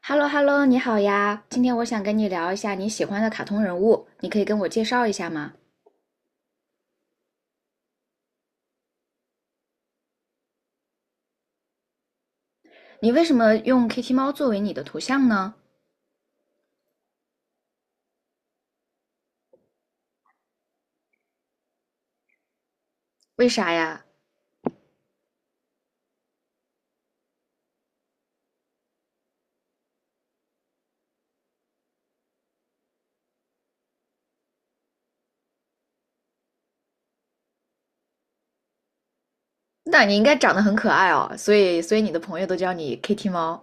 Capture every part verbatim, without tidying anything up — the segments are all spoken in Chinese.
哈喽哈喽，你好呀！今天我想跟你聊一下你喜欢的卡通人物，你可以跟我介绍一下吗？你为什么用 Kitty 猫作为你的图像呢？为啥呀？那你应该长得很可爱哦，所以所以你的朋友都叫你 Kitty 猫。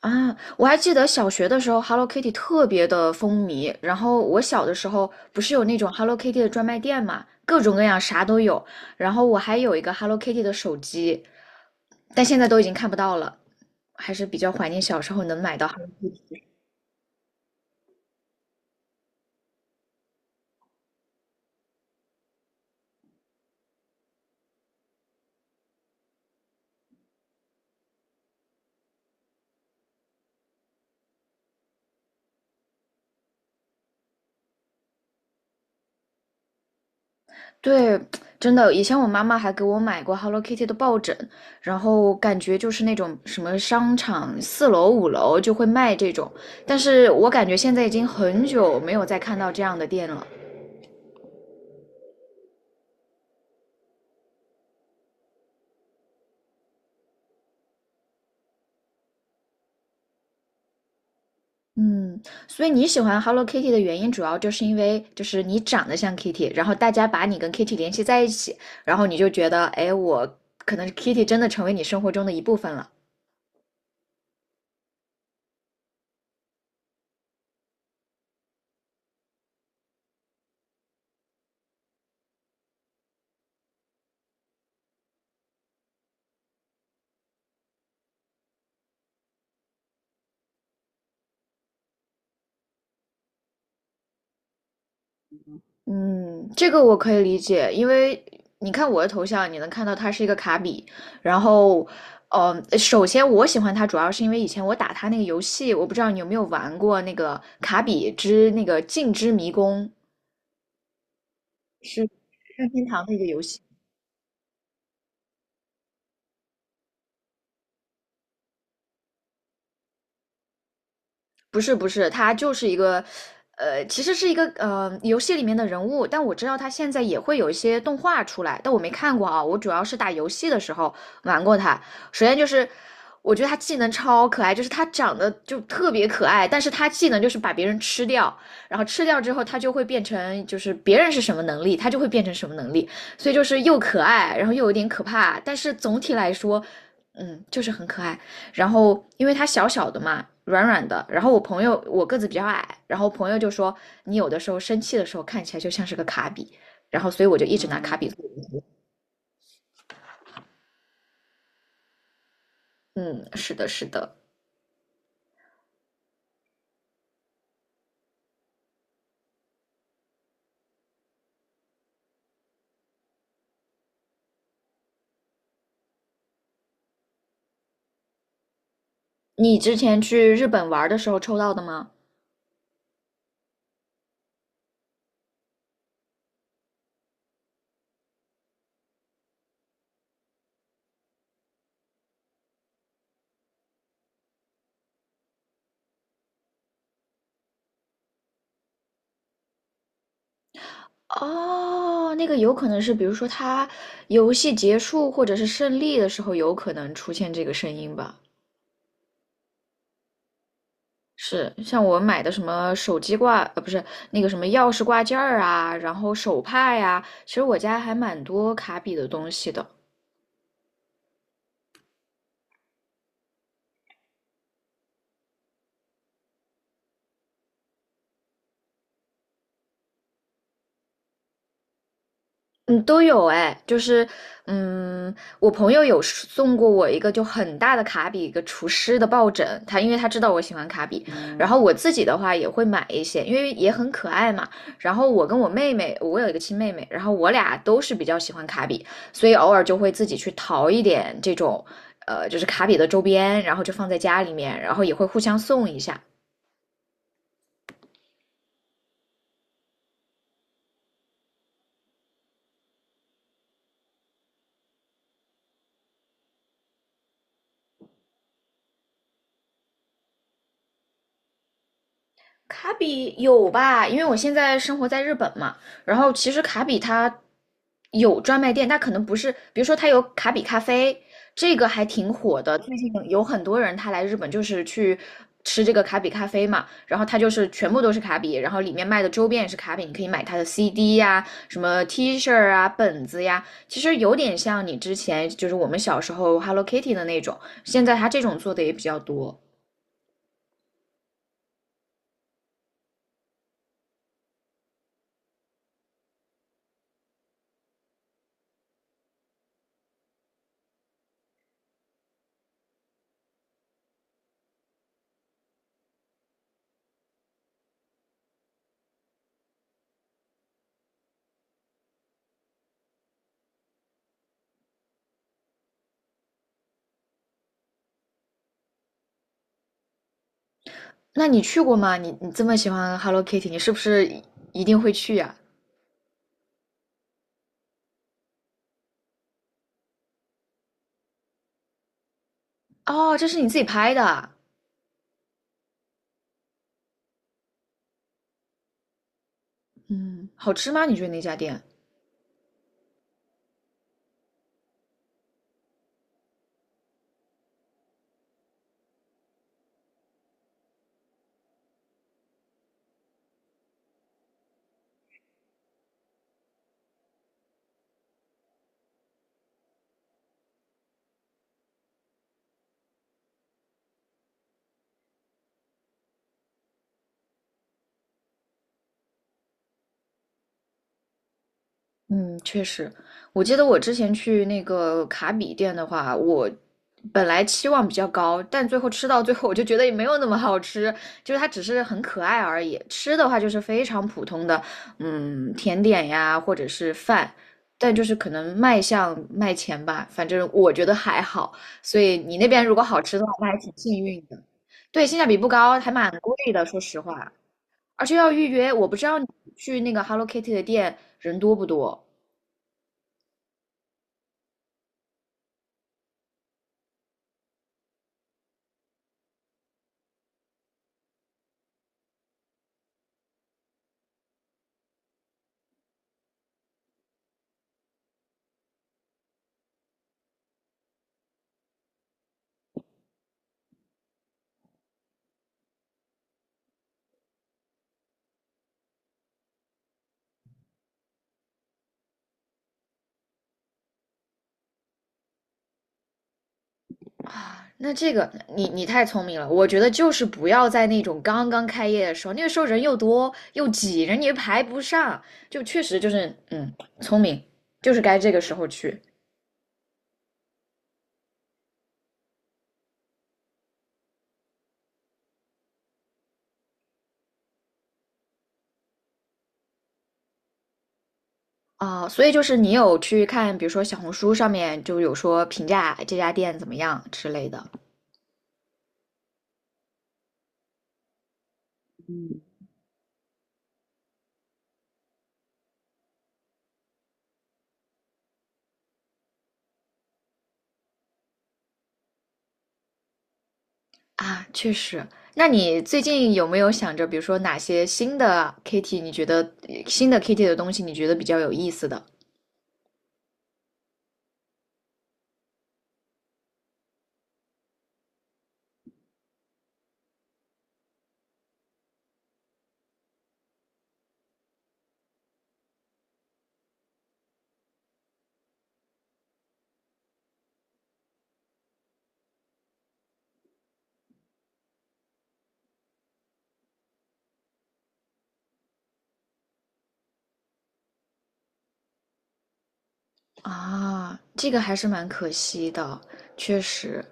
啊！我还记得小学的时候，Hello Kitty 特别的风靡。然后我小的时候不是有那种 Hello Kitty 的专卖店嘛，各种各样啥都有。然后我还有一个 Hello Kitty 的手机，但现在都已经看不到了，还是比较怀念小时候能买到。对，真的，以前我妈妈还给我买过 Hello Kitty 的抱枕，然后感觉就是那种什么商场四楼、五楼就会卖这种，但是我感觉现在已经很久没有再看到这样的店了。嗯，所以你喜欢 Hello Kitty 的原因，主要就是因为就是你长得像 Kitty，然后大家把你跟 Kitty 联系在一起，然后你就觉得，哎，我可能 Kitty 真的成为你生活中的一部分了。嗯，这个我可以理解，因为你看我的头像，你能看到它是一个卡比。然后，呃，首先我喜欢它，主要是因为以前我打它那个游戏，我不知道你有没有玩过那个《卡比之那个镜之迷宫》，是任天堂的一个游戏。不是不是，他就是一个，呃，其实是一个呃游戏里面的人物，但我知道他现在也会有一些动画出来，但我没看过啊。我主要是打游戏的时候玩过他。首先就是，我觉得他技能超可爱，就是他长得就特别可爱，但是他技能就是把别人吃掉，然后吃掉之后他就会变成就是别人是什么能力，他就会变成什么能力，所以就是又可爱，然后又有点可怕，但是总体来说，嗯，就是很可爱。然后因为它小小的嘛，软软的。然后我朋友我个子比较矮，然后朋友就说你有的时候生气的时候看起来就像是个卡比，然后所以我就一直拿卡比。嗯，是的，是的。你之前去日本玩的时候抽到的吗？哦，那个有可能是，比如说他游戏结束或者是胜利的时候，有可能出现这个声音吧。是像我买的什么手机挂，呃，不是那个什么钥匙挂件儿啊，然后手帕呀，其实我家还蛮多卡比的东西的。嗯，都有哎，就是，嗯，我朋友有是送过我一个就很大的卡比，一个厨师的抱枕，他因为他知道我喜欢卡比，然后我自己的话也会买一些，因为也很可爱嘛。然后我跟我妹妹，我有一个亲妹妹，然后我俩都是比较喜欢卡比，所以偶尔就会自己去淘一点这种，呃，就是卡比的周边，然后就放在家里面，然后也会互相送一下。卡比有吧？因为我现在生活在日本嘛，然后其实卡比它有专卖店，但可能不是，比如说它有卡比咖啡，这个还挺火的，最近有很多人他来日本就是去吃这个卡比咖啡嘛，然后它就是全部都是卡比，然后里面卖的周边也是卡比，你可以买它的 C D 呀、什么 T 恤啊、本子呀，其实有点像你之前就是我们小时候 Hello Kitty 的那种，现在它这种做的也比较多。那你去过吗？你你这么喜欢 Hello Kitty，你是不是一一定会去呀？哦，这是你自己拍的啊。嗯，好吃吗？你觉得那家店？嗯，确实，我记得我之前去那个卡比店的话，我本来期望比较高，但最后吃到最后，我就觉得也没有那么好吃，就是它只是很可爱而已。吃的话就是非常普通的，嗯，甜点呀，或者是饭，但就是可能卖相卖钱吧，反正我觉得还好。所以你那边如果好吃的话，那还挺幸运的。对，性价比不高，还蛮贵的，说实话，而且要预约。我不知道你去那个 Hello Kitty 的店人多不多。啊，那这个你你太聪明了，我觉得就是不要在那种刚刚开业的时候，那个时候人又多又挤，人也排不上，就确实就是嗯，聪明，就是该这个时候去。啊，所以就是你有去看，比如说小红书上面就有说评价这家店怎么样之类的。啊，确实。那你最近有没有想着，比如说哪些新的 Kitty，你觉得新的 Kitty 的东西你觉得比较有意思的？啊，这个还是蛮可惜的，确实，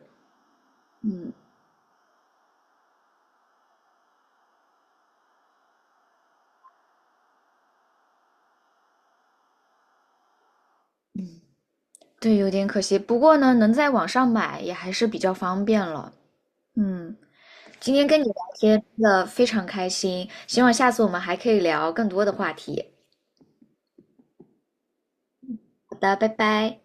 嗯，对，有点可惜。不过呢，能在网上买也还是比较方便了。嗯，今天跟你聊天真的非常开心，希望下次我们还可以聊更多的话题。好的，拜拜。